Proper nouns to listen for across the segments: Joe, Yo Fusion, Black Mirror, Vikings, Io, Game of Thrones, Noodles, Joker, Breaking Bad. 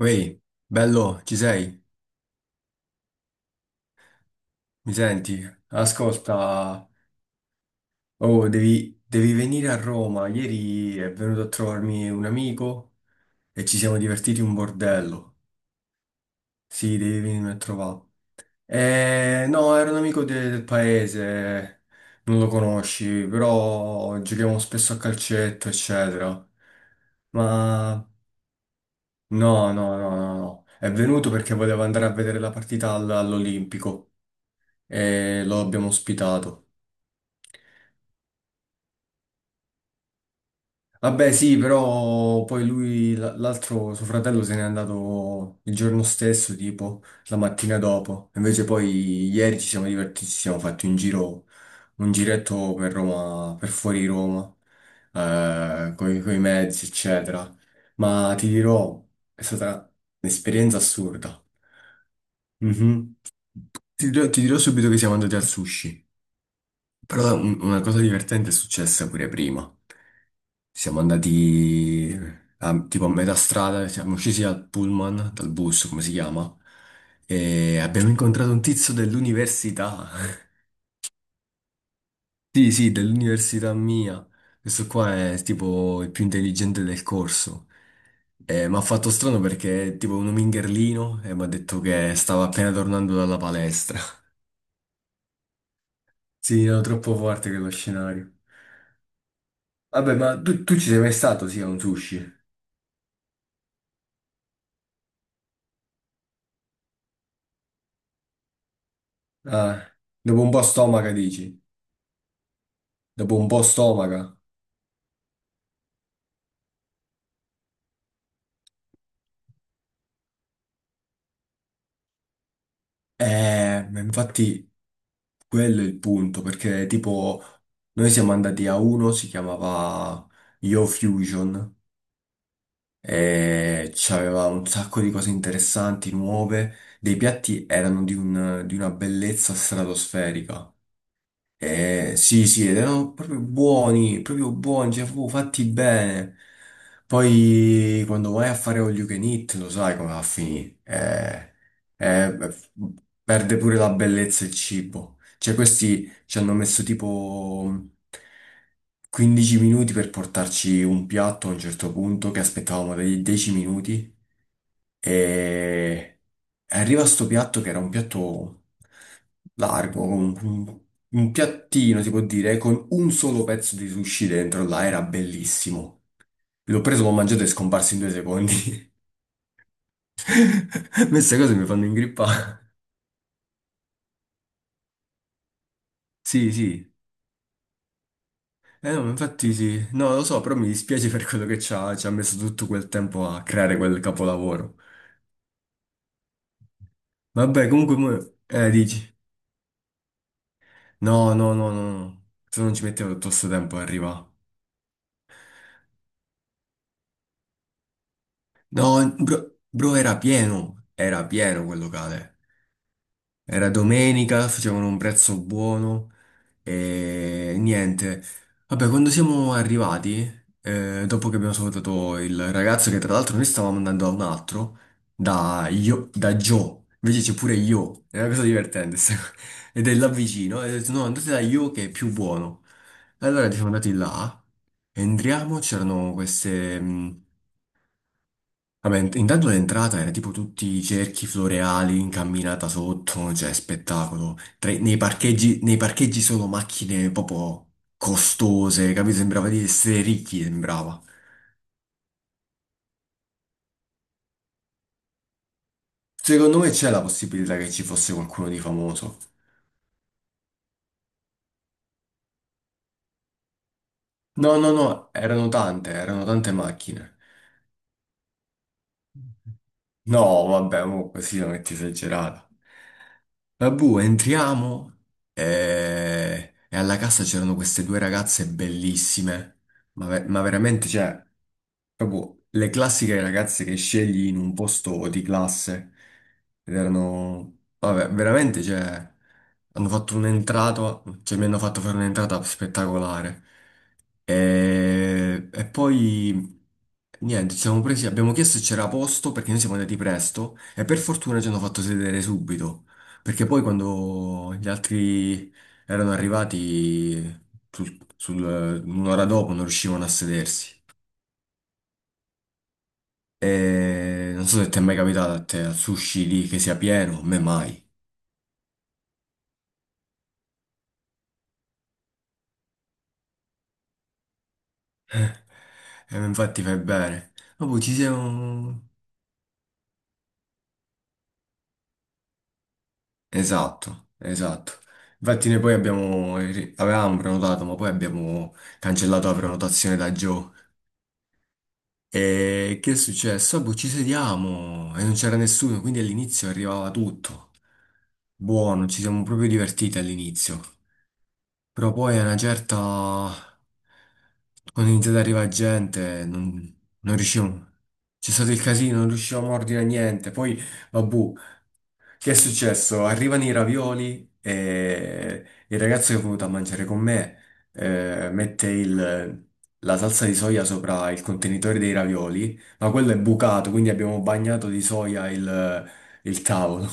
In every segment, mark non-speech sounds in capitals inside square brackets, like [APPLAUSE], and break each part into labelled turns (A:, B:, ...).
A: Ehi, bello, ci sei? Mi senti? Ascolta, oh, devi venire a Roma. Ieri è venuto a trovarmi un amico e ci siamo divertiti un bordello. Sì, devi venirmi a trovare. No, era un amico del paese, non lo conosci, però giochiamo spesso a calcetto, eccetera. Ma no, no, no, no, no. È venuto perché voleva andare a vedere la partita all'Olimpico e lo abbiamo ospitato. Vabbè, sì, però poi lui, l'altro suo fratello se n'è andato il giorno stesso, tipo la mattina dopo. Invece poi ieri ci siamo divertiti, ci siamo fatti un giro, un giretto per Roma, per fuori Roma, coi mezzi, eccetera. Ma ti dirò, è stata un'esperienza assurda. Mhm. Ti dirò subito che siamo andati al sushi, però una cosa divertente è successa pure prima. Siamo andati tipo a metà strada, siamo scesi dal pullman, dal bus, come si chiama, e abbiamo incontrato un tizio dell'università. [LAUGHS] Sì, sì, dell'università mia. Questo qua è tipo il più intelligente del corso. E mi ha fatto strano perché è tipo un mingherlino e mi ha detto che stava appena tornando dalla palestra. [LAUGHS] Sì, era troppo forte quello scenario. Vabbè, ma tu ci sei mai stato, sì, a un sushi? Ah, dopo un po' stomaca, dici? Dopo un po' stomaca. Ma infatti quello è il punto, perché tipo noi siamo andati a uno, si chiamava Yo Fusion, e c'aveva un sacco di cose interessanti, nuove, dei piatti erano di di una bellezza stratosferica. Sì, sì, ed erano proprio buoni, cioè proprio fatti bene. Poi quando vai a fare all you can eat, lo sai come va a finire. Eh, perde pure la bellezza il cibo. Cioè questi ci hanno messo tipo 15 minuti per portarci un piatto a un certo punto, che aspettavamo dei 10 minuti. E arriva sto piatto che era un piatto largo, un piattino si può dire, con un solo pezzo di sushi dentro là, era bellissimo. L'ho preso, l'ho mangiato e è scomparso in due secondi. [LAUGHS] Queste cose mi fanno ingrippare. Sì, sì. Eh no, ma infatti sì. No, lo so, però mi dispiace per quello che ci ha messo tutto quel tempo a creare quel capolavoro. Vabbè, comunque, dici. No, no, no, no, no. Se non ci mettevo tutto questo tempo ad arrivare. No, bro, era pieno quel locale. Era domenica, facevano un prezzo buono e niente. Vabbè, quando siamo arrivati, dopo che abbiamo salutato il ragazzo, che tra l'altro noi stavamo andando da un altro, da Joe, invece c'è pure Io, è una cosa divertente, [LAUGHS] ed è là vicino, e ho detto no, andate da Io che è più buono. Allora siamo andati là, entriamo, c'erano queste... Vabbè, intanto l'entrata era tipo tutti i cerchi floreali, incamminata sotto, cioè spettacolo. Nei parcheggi solo macchine proprio costose, capito? Sembrava di essere ricchi, sembrava. Secondo me c'è la possibilità che ci fosse qualcuno di famoso. No, no, no, erano tante macchine. No, vabbè, mo così la metti esagerata. Vabbù, entriamo e alla cassa c'erano queste due ragazze bellissime, ma, ma veramente, cioè, proprio le classiche ragazze che scegli in un posto di classe. Ed erano, vabbè, veramente, cioè, hanno fatto un'entrata, cioè mi hanno fatto fare un'entrata spettacolare. Poi niente, ci siamo presi, abbiamo chiesto se c'era posto perché noi siamo andati presto e per fortuna ci hanno fatto sedere subito, perché poi quando gli altri erano arrivati un'ora dopo non riuscivano a sedersi. E non so se ti è mai capitato a te al sushi lì che sia pieno, a me mai. [LAUGHS] E infatti fai bene. Ma poi ci siamo. Esatto, esatto. Infatti noi poi avevamo prenotato, ma poi abbiamo cancellato la prenotazione da Joe. E che è successo? Ah, boh, ci sediamo e non c'era nessuno, quindi all'inizio arrivava tutto. Buono, ci siamo proprio divertiti all'inizio. Però poi a una certa... Quando è iniziata ad arrivare gente, non riuscivamo. C'è stato il casino, non riuscivamo a ordinare niente. Poi, vabbè, che è successo? Arrivano i ravioli e il ragazzo che è venuto a mangiare con me mette la salsa di soia sopra il contenitore dei ravioli, ma quello è bucato, quindi abbiamo bagnato di soia il tavolo.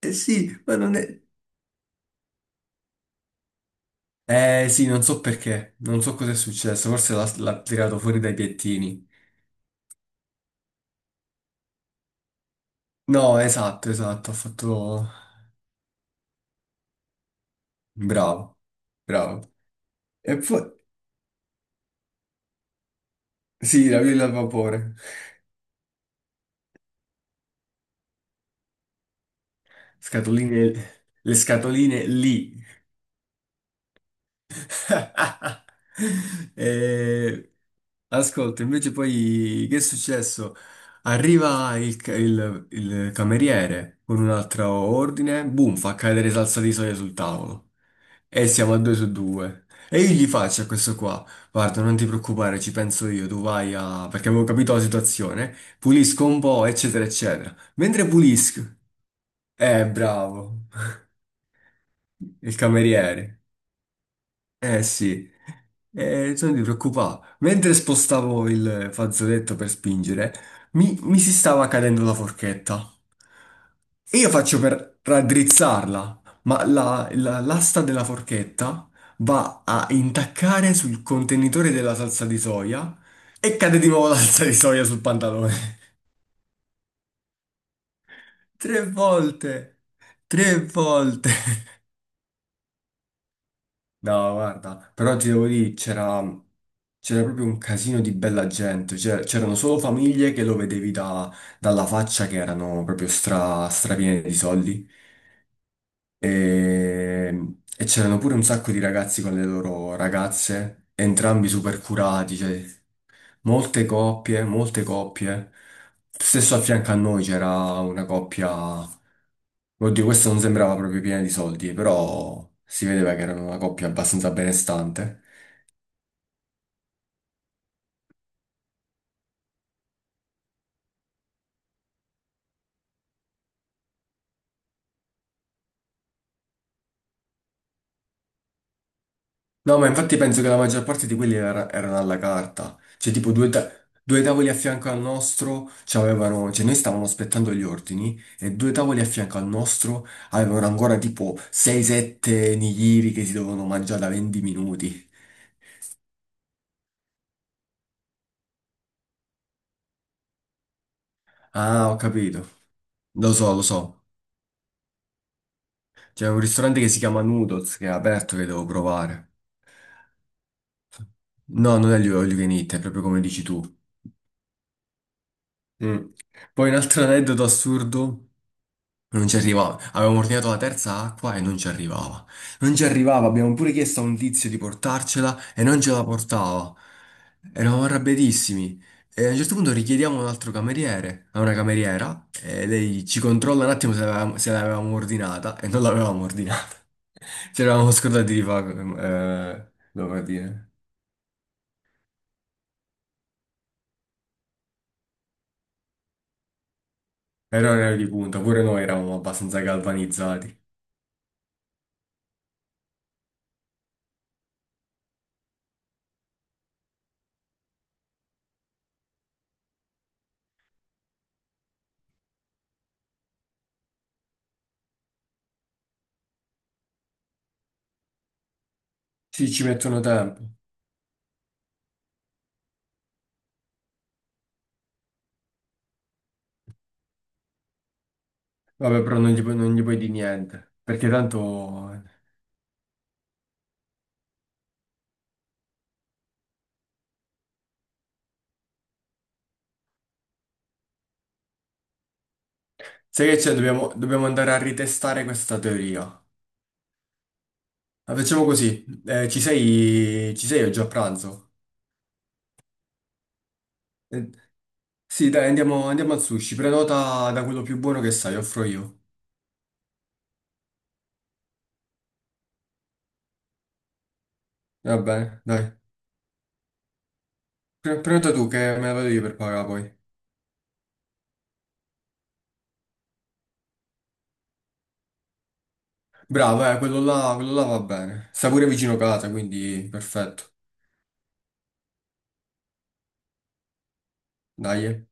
A: Eh sì, ma non è... Eh sì, non so perché, non so cosa è successo, forse l'ha tirato fuori dai piattini. No, esatto, esatto, ha fatto... Bravo, bravo. E poi... Sì, i ravioli al vapore. Scatoline, le scatoline lì. [LAUGHS] Eh, ascolta, invece poi che è successo? Arriva il, il cameriere con un altro ordine, boom, fa cadere salsa di soia sul tavolo e siamo a due su due. E io gli faccio a questo qua, guarda, non ti preoccupare, ci penso io, tu vai a... perché avevo capito la situazione, pulisco un po', eccetera, eccetera. Mentre pulisco, bravo, [LAUGHS] il cameriere. Eh sì, sono di preoccupato. Mentre spostavo il fazzoletto per spingere, mi si stava cadendo la forchetta. E io faccio per raddrizzarla, ma l'asta della forchetta va a intaccare sul contenitore della salsa di soia e cade di nuovo la salsa di soia sul pantalone. [LAUGHS] Tre volte! Tre volte! No, guarda, però ti devo dire, c'era proprio un casino di bella gente, cioè, c'erano solo famiglie che lo vedevi dalla faccia che erano proprio strapiene di soldi e c'erano pure un sacco di ragazzi con le loro ragazze, entrambi super curati, cioè, molte coppie, molte coppie. Stesso a fianco a noi c'era una coppia. Oddio, questa non sembrava proprio piena di soldi, però si vedeva che erano una coppia abbastanza benestante. No, ma infatti penso che la maggior parte di quelli erano alla carta. Cioè, tipo due tavoli a fianco al nostro c'avevano. Cioè, noi stavamo aspettando gli ordini e due tavoli a fianco al nostro avevano ancora tipo 6-7 nigiri che si dovevano mangiare da 20 minuti. Ah, ho capito. Lo so, lo so. C'è un ristorante che si chiama Noodles, che è aperto, che devo provare. No, non è l'olio all you can eat, è proprio come dici tu. Mm. Poi un altro aneddoto assurdo. Non ci arrivava. Avevamo ordinato la terza acqua e non ci arrivava. Non ci arrivava. Abbiamo pure chiesto a un tizio di portarcela e non ce la portava. Eravamo arrabbiatissimi. E a un certo punto richiediamo un altro cameriere, a una cameriera, e lei ci controlla un attimo se l'avevamo ordinata e non l'avevamo ordinata. [LAUGHS] Ci eravamo scordati di fare, come dire, errore di punta. Pure noi eravamo abbastanza galvanizzati. Sì, ci mettono tempo. Vabbè, però non gli, non gli puoi dire niente, perché tanto sai che c'è? Dobbiamo andare a ritestare questa teoria. La facciamo così. Ci sei oggi a pranzo? Eh, sì, dai, andiamo al sushi. Prenota da quello più buono che sai, offro io. Va bene, dai. Prenota tu che me la vado io per pagare poi. Bravo, quello là va bene. Sta pure vicino casa, quindi perfetto. Dai. Eh.